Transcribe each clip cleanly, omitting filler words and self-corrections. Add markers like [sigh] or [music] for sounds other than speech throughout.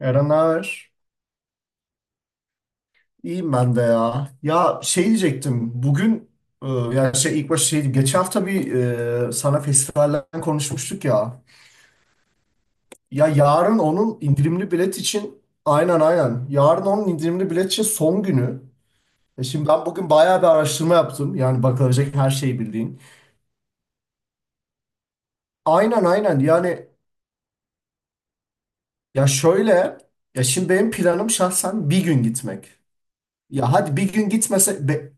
Eren ağır. İyiyim ben de ya. Ya şey diyecektim. Bugün yani şey ilk başta şey geçen hafta bir sana festivallerden konuşmuştuk ya. Ya yarın onun indirimli bilet için aynen aynen. Yarın onun indirimli bilet için son günü. E şimdi ben bugün bayağı bir araştırma yaptım. Yani bakılacak her şeyi bildiğin. Aynen aynen. Yani ya şöyle ya şimdi benim planım şahsen bir gün gitmek. Ya hadi bir gün gitmese be,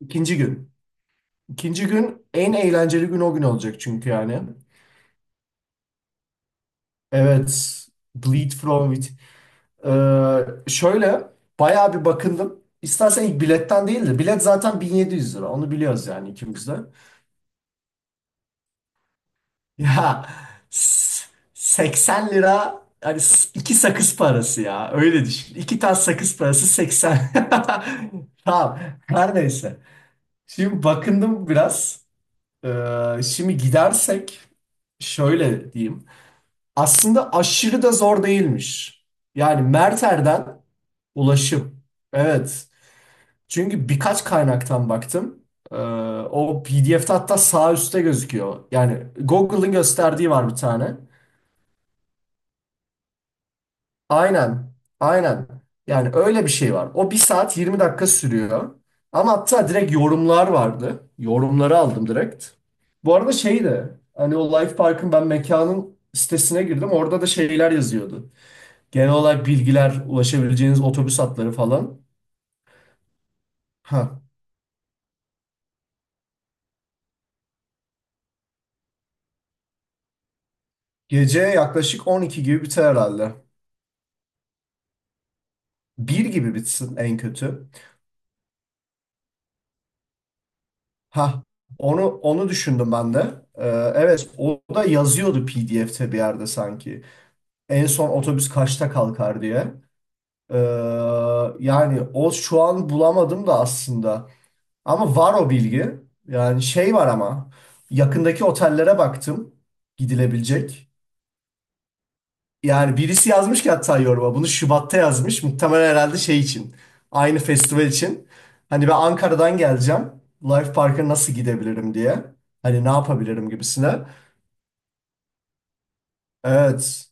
ikinci gün. İkinci gün en eğlenceli gün o gün olacak çünkü yani. Evet. Bleed from it. Ee, şöyle bayağı bir bakındım. İstersen ilk biletten değil de bilet zaten 1700 lira. Onu biliyoruz yani ikimiz de. [laughs] Ya s- 80 lira hani iki sakız parası ya. Öyle düşün. İki tane sakız parası 80. [laughs] Tamam. Her neyse. Şimdi bakındım biraz. Şimdi gidersek şöyle diyeyim. Aslında aşırı da zor değilmiş. Yani Merter'den ulaşım. Evet. Çünkü birkaç kaynaktan baktım. Ee, o PDF'de hatta sağ üstte gözüküyor. Yani Google'ın gösterdiği var bir tane. Aynen. Aynen. Yani öyle bir şey var. O bir saat 20 dakika sürüyor. Ama hatta direkt yorumlar vardı. Yorumları aldım direkt. Bu arada şey de, hani o Life Park'ın ben mekanın sitesine girdim. Orada da şeyler yazıyordu. Genel olarak bilgiler, ulaşabileceğiniz otobüs hatları falan. Ha. Gece yaklaşık 12 gibi biter herhalde. Bir gibi bitsin en kötü. Ha. Onu düşündüm ben de. Ee, evet o da yazıyordu PDF'te bir yerde sanki. En son otobüs kaçta kalkar diye. Ee, yani o şu an bulamadım da aslında. Ama var o bilgi. Yani şey var ama yakındaki otellere baktım gidilebilecek. Yani birisi yazmış ki hatta yoruma bunu Şubat'ta yazmış. Muhtemelen herhalde şey için. Aynı festival için. Hani ben Ankara'dan geleceğim. Life Park'a nasıl gidebilirim diye. Hani ne yapabilirim gibisine. Evet.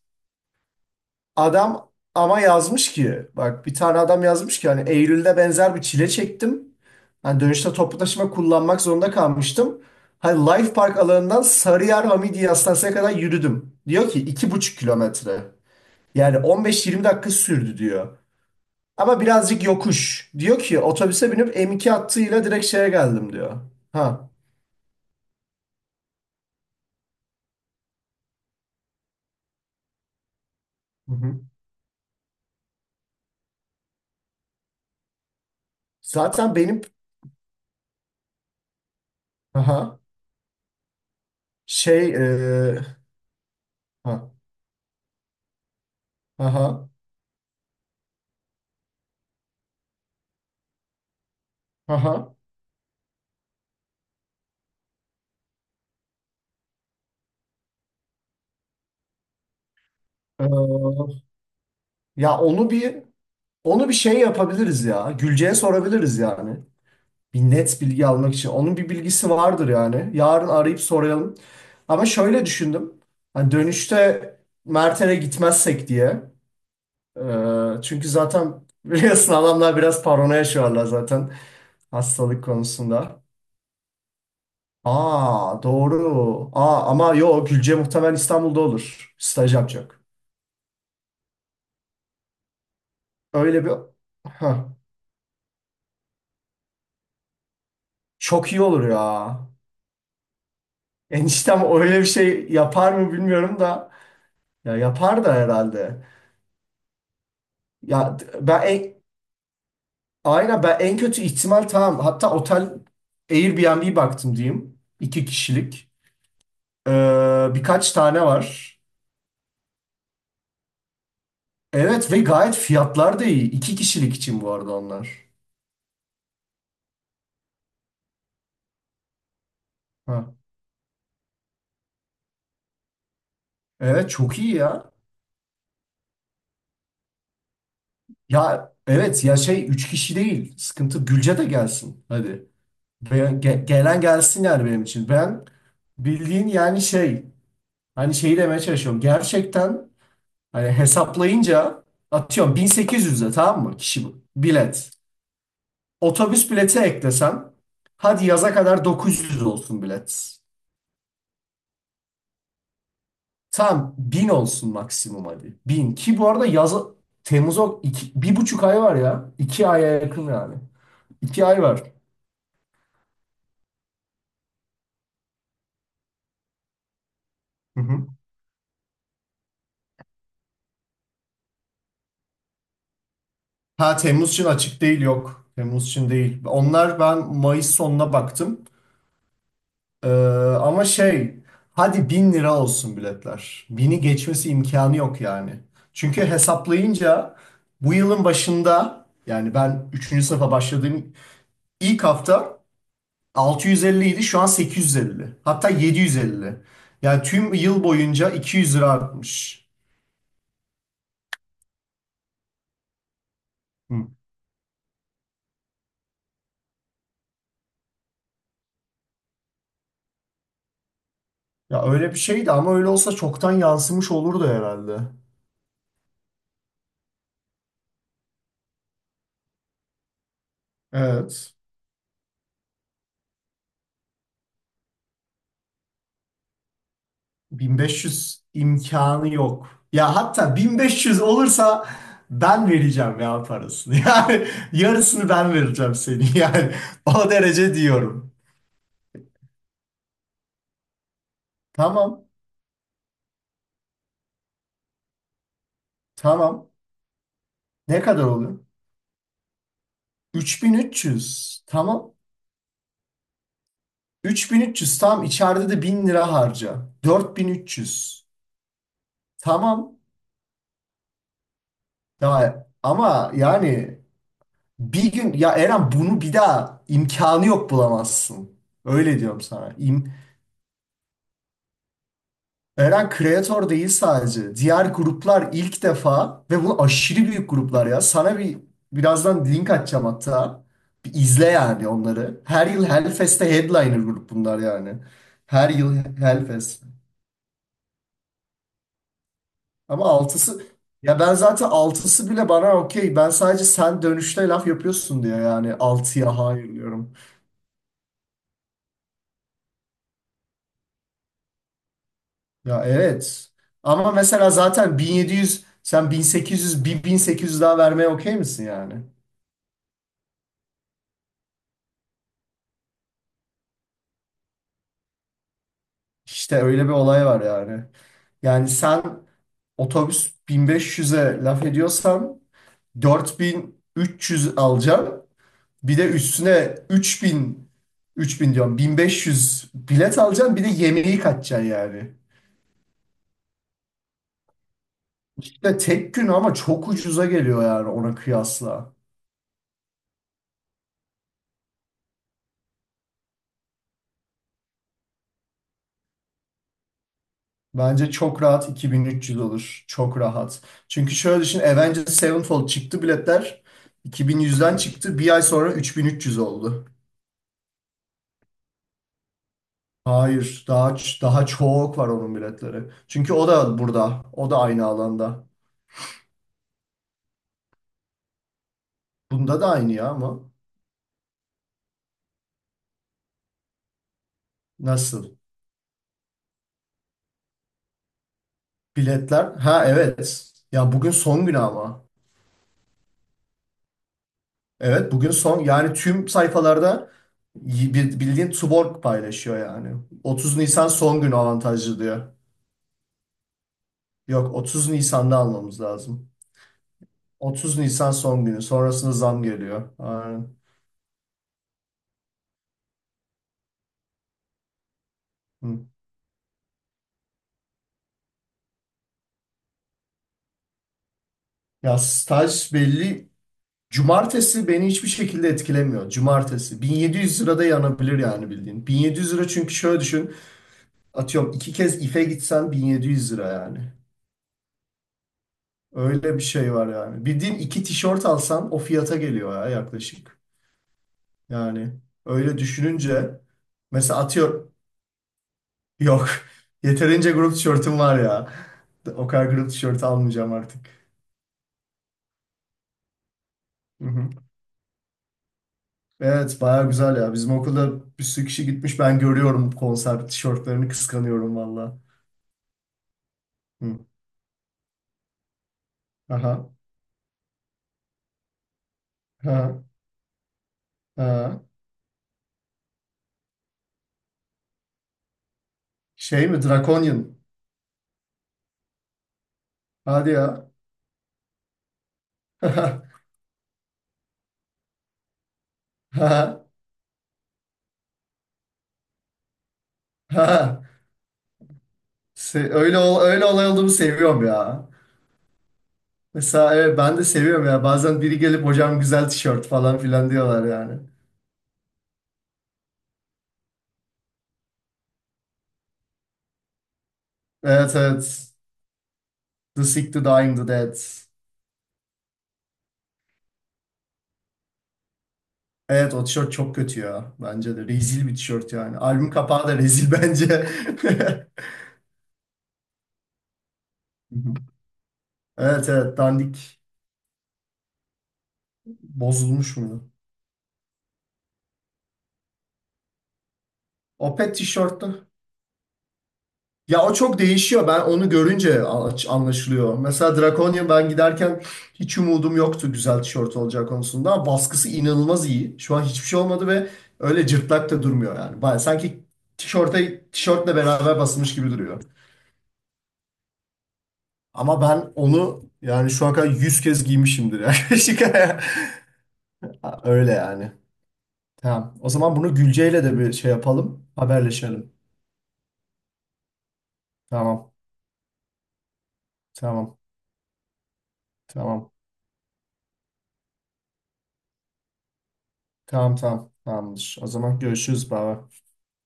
Adam ama yazmış ki bak bir tane adam yazmış ki hani Eylül'de benzer bir çile çektim. Hani dönüşte toplu taşıma kullanmak zorunda kalmıştım. Hani Life Park alanından Sarıyer Hamidiye Hastanesi'ne kadar yürüdüm. Diyor ki 2,5 kilometre. Yani 15-20 dakika sürdü diyor. Ama birazcık yokuş. Diyor ki otobüse binip M2 hattıyla direkt şeye geldim diyor. Ha. Hı hı. Zaten benim aha şey e, ha aha aha e, ya onu bir şey yapabiliriz ya. Gülce'ye sorabiliriz yani. Bir net bilgi almak için. Onun bir bilgisi vardır yani. Yarın arayıp soralım. Ama şöyle düşündüm. Hani dönüşte Mert'e gitmezsek diye. Çünkü zaten [laughs] biliyorsun adamlar biraz paranoya yaşıyorlar zaten hastalık konusunda. Aa doğru. Aa ama yo Gülce muhtemelen İstanbul'da olur. Staj yapacak. Öyle bir... Hah, çok iyi olur ya. Eniştem öyle bir şey yapar mı bilmiyorum da. Ya yapar da herhalde. Ya ben en... Aynen ben en kötü ihtimal tamam. Hatta otel Airbnb baktım diyeyim. İki kişilik. Birkaç tane var. Evet ve gayet fiyatlar da iyi. İki kişilik için bu arada onlar. Ha. Evet çok iyi ya. Ya evet ya şey üç kişi değil. Sıkıntı Gülce de gelsin. Hadi. Gelen gelsin yani benim için. Ben bildiğin yani şey hani şeyi demeye çalışıyorum. Gerçekten hani hesaplayınca atıyorum 1800'e tamam mı kişi bu. Bilet. Otobüs bileti eklesem hadi yaza kadar 900 olsun bilet. Tam bin olsun maksimum hadi. Bin. Ki bu arada yaz Temmuz'a iki, bir buçuk ay var ya. İki aya yakın yani. İki ay var. Hı hı. Ha Temmuz için açık değil yok. Temmuz için değil. Onlar ben Mayıs sonuna baktım. Ee, ama şey hadi 1.000 lira olsun biletler. Bini geçmesi imkanı yok yani. Çünkü hesaplayınca bu yılın başında yani ben üçüncü sınıfa başladığım ilk hafta 650 idi şu an 850. Hatta 750. Yani tüm yıl boyunca 200 lira artmış. Hı. Ya öyle bir şeydi ama öyle olsa çoktan yansımış olurdu herhalde. Evet. 1500 imkanı yok. Ya hatta 1500 olursa ben vereceğim ya parasını. [laughs] Yani yarısını ben vereceğim seni. [laughs] Yani o derece diyorum. Tamam. Tamam. Ne kadar oluyor? 3300. Tamam. 3300 tam içeride de 1.000 lira harca. 4300. Tamam. Ya, ama yani bir gün ya Eren bunu bir daha imkanı yok bulamazsın. Öyle diyorum sana. İm Eren kreatör değil sadece. Diğer gruplar ilk defa ve bu aşırı büyük gruplar ya. Sana birazdan link atacağım hatta. Bir izle yani onları. Her yıl Hellfest'te headliner grup bunlar yani. Her yıl Hellfest. Ama altısı ya ben zaten altısı bile bana okey. Ben sadece sen dönüşte laf yapıyorsun diye yani altıya hayır diyorum. Ya evet. Ama mesela zaten 1700 sen 1800 bir 1800 daha vermeye okey misin yani? İşte öyle bir olay var yani. Yani sen otobüs 1500'e laf ediyorsan 4300 alacaksın. Bir de üstüne 3000 3000 diyorum 1500 bilet alacaksın bir de yemeği kaçacaksın yani. İşte tek gün ama çok ucuza geliyor yani ona kıyasla. Bence çok rahat 2300 olur. Çok rahat. Çünkü şöyle düşün Avengers Sevenfold çıktı biletler. 2100'den çıktı. Bir ay sonra 3300 oldu. Hayır, daha çok var onun biletleri. Çünkü o da burada. O da aynı alanda. Bunda da aynı ya ama nasıl? Biletler. Ha evet. Ya bugün son günü ama. Evet bugün son yani tüm sayfalarda bildiğin Tuborg paylaşıyor yani. 30 Nisan son günü avantajlı diyor. Yok 30 Nisan'da almamız lazım. 30 Nisan son günü sonrasında zam geliyor. Aynen. Hı. Ya staj belli. Cumartesi beni hiçbir şekilde etkilemiyor. Cumartesi 1700 lirada yanabilir yani bildiğin. 1.700 lira çünkü şöyle düşün. Atıyorum iki kez ife gitsen 1.700 lira yani. Öyle bir şey var yani. Bildiğin iki tişört alsan o fiyata geliyor ya yaklaşık. Yani öyle düşününce mesela atıyor yok. [laughs] Yeterince grup tişörtüm var ya. O kadar grup tişörtü almayacağım artık. Hı hı. Evet baya güzel ya. Bizim okulda bir sürü kişi gitmiş. Ben görüyorum konser tişörtlerini kıskanıyorum valla. Hı. Aha. Ha. Ha. Şey mi? Draconian. Hadi ya. [laughs] Ha. Ha. Ha. Öyle olay olduğunu seviyorum ya. Mesela evet ben de seviyorum ya. Bazen biri gelip hocam güzel tişört falan filan diyorlar yani. Evet evet. The Sick, The Dying, The Dead. Evet o tişört çok kötü ya. Bence de. Rezil bir tişört yani. Albüm kapağı da rezil bence. [laughs] Evet evet dandik. Bozulmuş mu? O pet tişörtlü. Ya o çok değişiyor. Ben onu görünce anlaşılıyor. Mesela Draconian ben giderken hiç umudum yoktu güzel tişört olacağı konusunda. Ama baskısı inanılmaz iyi. Şu an hiçbir şey olmadı ve öyle cırtlak da durmuyor yani. Baya sanki tişörte, tişörtle beraber basılmış gibi duruyor. Ama ben onu yani şu ana kadar 100 kez giymişimdir yaklaşık. [laughs] Öyle yani. Tamam. O zaman bunu Gülce'yle de bir şey yapalım. Haberleşelim. Tamam. Tamam. Tamam. Tamam. Tamam. Tamamdır. O zaman görüşürüz baba.